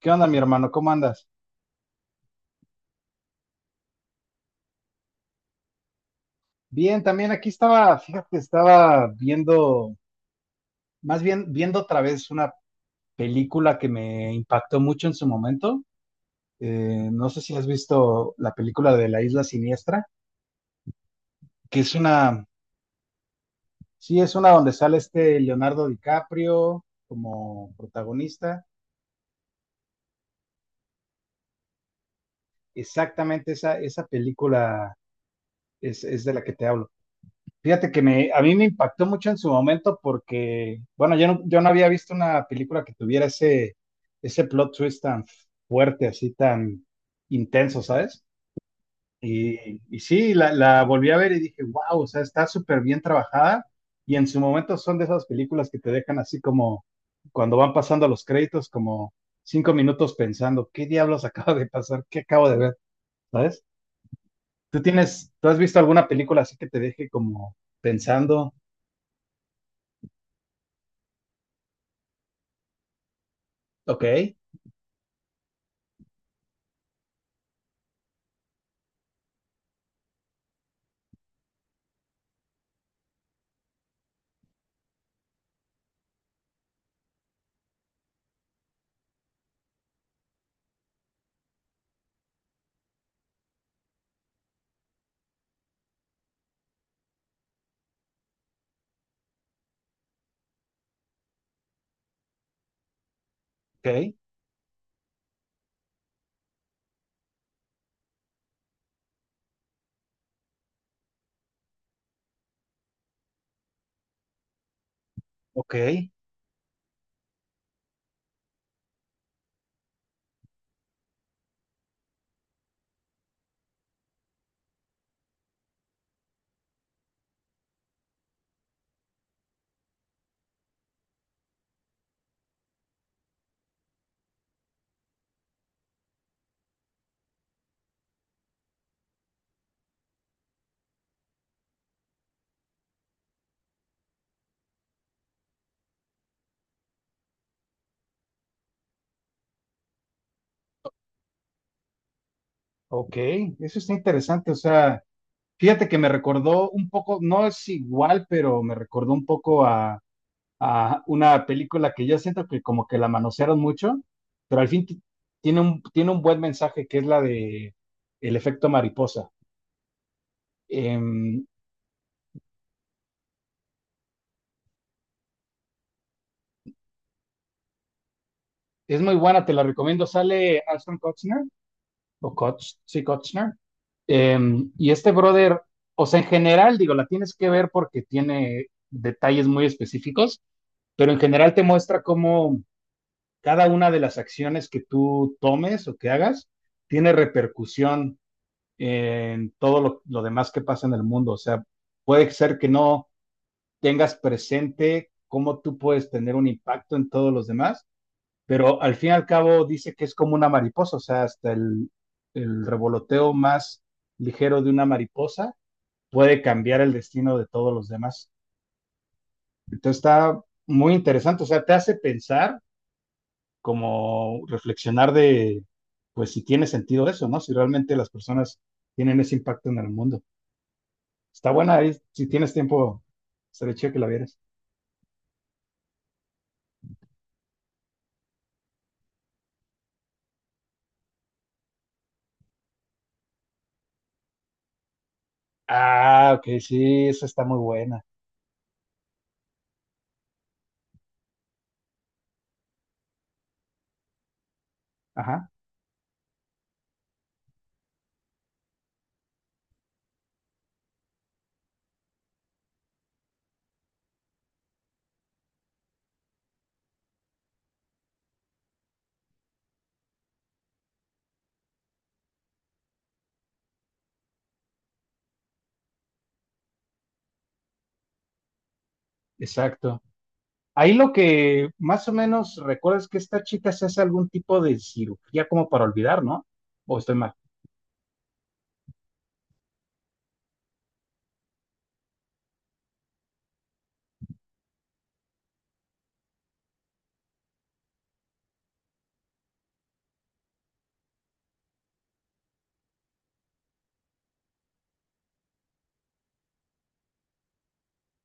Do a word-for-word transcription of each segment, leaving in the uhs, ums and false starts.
¿Qué onda, mi hermano? ¿Cómo andas? Bien, también aquí estaba, fíjate, estaba viendo, más bien viendo otra vez una película que me impactó mucho en su momento. Eh, no sé si has visto la película de La Isla Siniestra, que es una, sí, es una donde sale este Leonardo DiCaprio como protagonista. Exactamente esa, esa película es, es de la que te hablo. Fíjate que me, a mí me impactó mucho en su momento porque, bueno, yo no, yo no había visto una película que tuviera ese, ese plot twist tan fuerte, así tan intenso, ¿sabes? Y, y sí, la, la volví a ver y dije, wow, o sea, está súper bien trabajada y en su momento son de esas películas que te dejan así como cuando van pasando los créditos, como cinco minutos pensando, ¿qué diablos acaba de pasar? ¿Qué acabo de ver? ¿Sabes? ¿Tú tienes, tú has visto alguna película así que te deje como pensando, ok? Ok, ok, ok, eso está interesante. O sea, fíjate que me recordó un poco, no es igual, pero me recordó un poco a, a una película que yo siento que como que la manosearon mucho, pero al fin ti- tiene un, tiene un buen mensaje que es la de El efecto mariposa. Em, es muy buena, te la recomiendo. Sale Ashton Kutcher, o Kutch, sí, Kutcher. Em, y este brother, o sea, en general, digo, la tienes que ver porque tiene detalles muy específicos, pero en general te muestra cómo cada una de las acciones que tú tomes o que hagas tiene repercusión en todo lo, lo demás que pasa en el mundo. O sea, puede ser que no tengas presente cómo tú puedes tener un impacto en todos los demás, pero al fin y al cabo dice que es como una mariposa, o sea, hasta el, el revoloteo más ligero de una mariposa puede cambiar el destino de todos los demás. Entonces está muy interesante, o sea, te hace pensar como reflexionar de, pues si tiene sentido eso, ¿no? Si realmente las personas tienen ese impacto en el mundo. Está buena ahí, si tienes tiempo, estaría chido que la vieras. Ah, ok, sí, esa está muy buena. Ajá, exacto. Ahí lo que más o menos recuerdo es que esta chica se hace algún tipo de cirugía como para olvidar, ¿no? O estoy mal.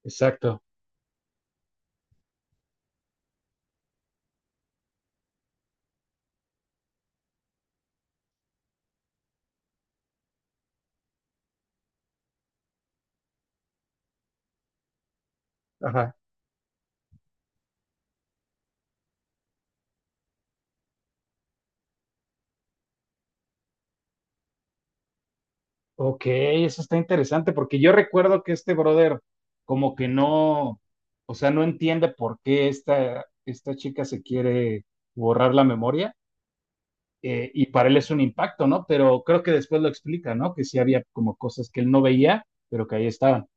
Exacto. Ajá. Ok, eso está interesante porque yo recuerdo que este brother como que no, o sea, no entiende por qué esta, esta chica se quiere borrar la memoria eh, y para él es un impacto, ¿no? Pero creo que después lo explica, ¿no? Que sí había como cosas que él no veía, pero que ahí estaban.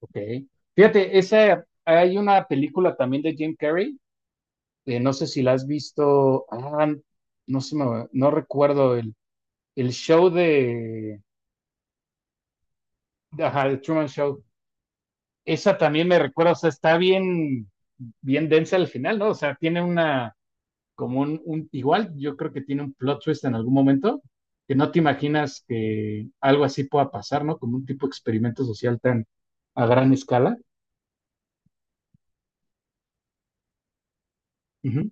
Ok. Fíjate, esa, hay una película también de Jim Carrey, eh, no sé si la has visto, ah, no sé, no recuerdo el, el show de, ajá, el Truman Show. Esa también me recuerda, o sea, está bien, bien densa al final, ¿no? O sea, tiene una, como un, un- igual yo creo que tiene un plot twist en algún momento, que no te imaginas que algo así pueda pasar, ¿no? Como un tipo de experimento social tan a gran escala. Ujú.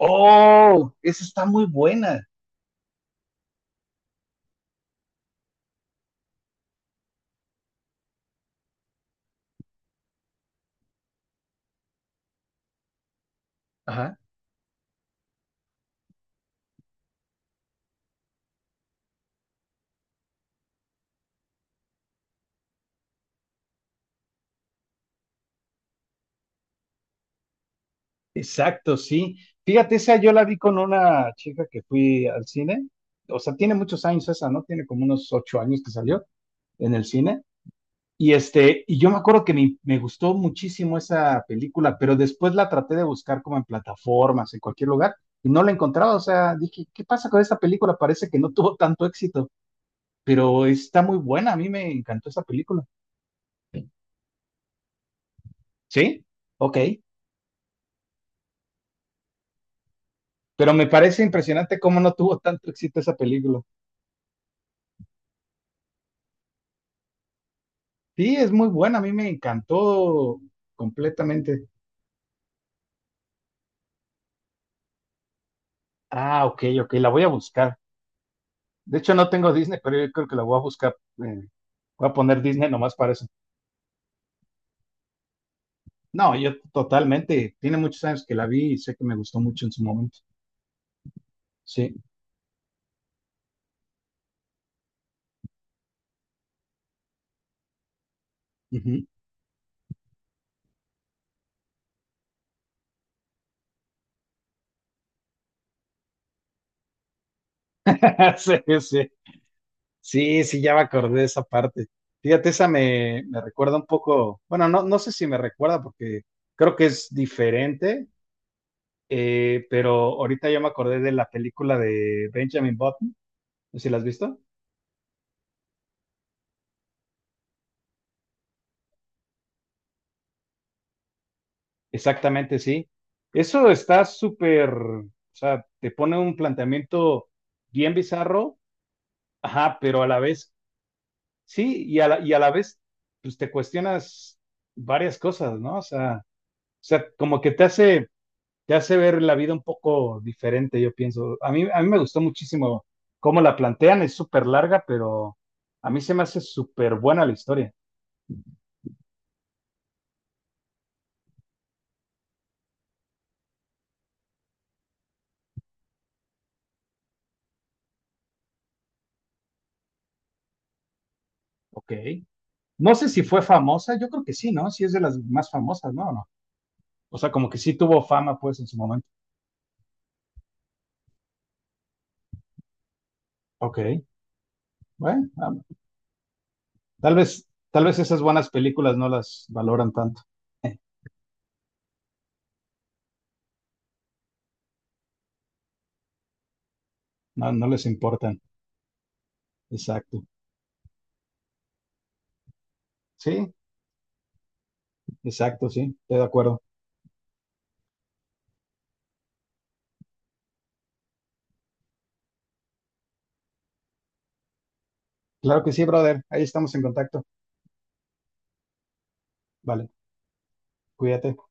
Oh, esa está muy buena. Ajá, exacto, sí. Fíjate, esa yo la vi con una chica que fui al cine. O sea, tiene muchos años esa, ¿no? Tiene como unos ocho años que salió en el cine. Y, este, y yo me acuerdo que me, me gustó muchísimo esa película, pero después la traté de buscar como en plataformas, en cualquier lugar, y no la encontraba. O sea, dije, ¿qué pasa con esta película? Parece que no tuvo tanto éxito, pero está muy buena. A mí me encantó esa película. ¿Sí? Ok. Pero me parece impresionante cómo no tuvo tanto éxito esa película. Sí, es muy buena. A mí me encantó completamente. Ah, ok, ok. La voy a buscar. De hecho, no tengo Disney, pero yo creo que la voy a buscar. eh, Voy a poner Disney nomás para eso. No, yo totalmente. Tiene muchos años que la vi y sé que me gustó mucho en su momento. Sí. Ujú. Sí, sí. Sí, sí, ya me acordé de esa parte. Fíjate, esa me, me recuerda un poco. Bueno, no, no sé si me recuerda porque creo que es diferente, eh, pero ahorita ya me acordé de la película de Benjamin Button. No sé si la has visto. Exactamente, sí. Eso está súper. O sea, te pone un planteamiento bien bizarro. Ajá, pero a la vez sí, y a la, y a la vez, pues te cuestionas varias cosas, ¿no? O sea, o sea, como que te hace, te hace ver la vida un poco diferente, yo pienso. A mí, a mí me gustó muchísimo cómo la plantean, es súper larga, pero a mí se me hace súper buena la historia. Ok. No sé si fue famosa, yo creo que sí, ¿no? Sí es de las más famosas, ¿no? ¿O no? O sea, como que sí tuvo fama, pues, en su momento. Ok. Bueno, ah, tal vez, tal vez esas buenas películas no las valoran tanto. No, no les importan. Exacto. Sí, exacto, sí, estoy de acuerdo. Claro que sí, brother. Ahí estamos en contacto. Vale, cuídate.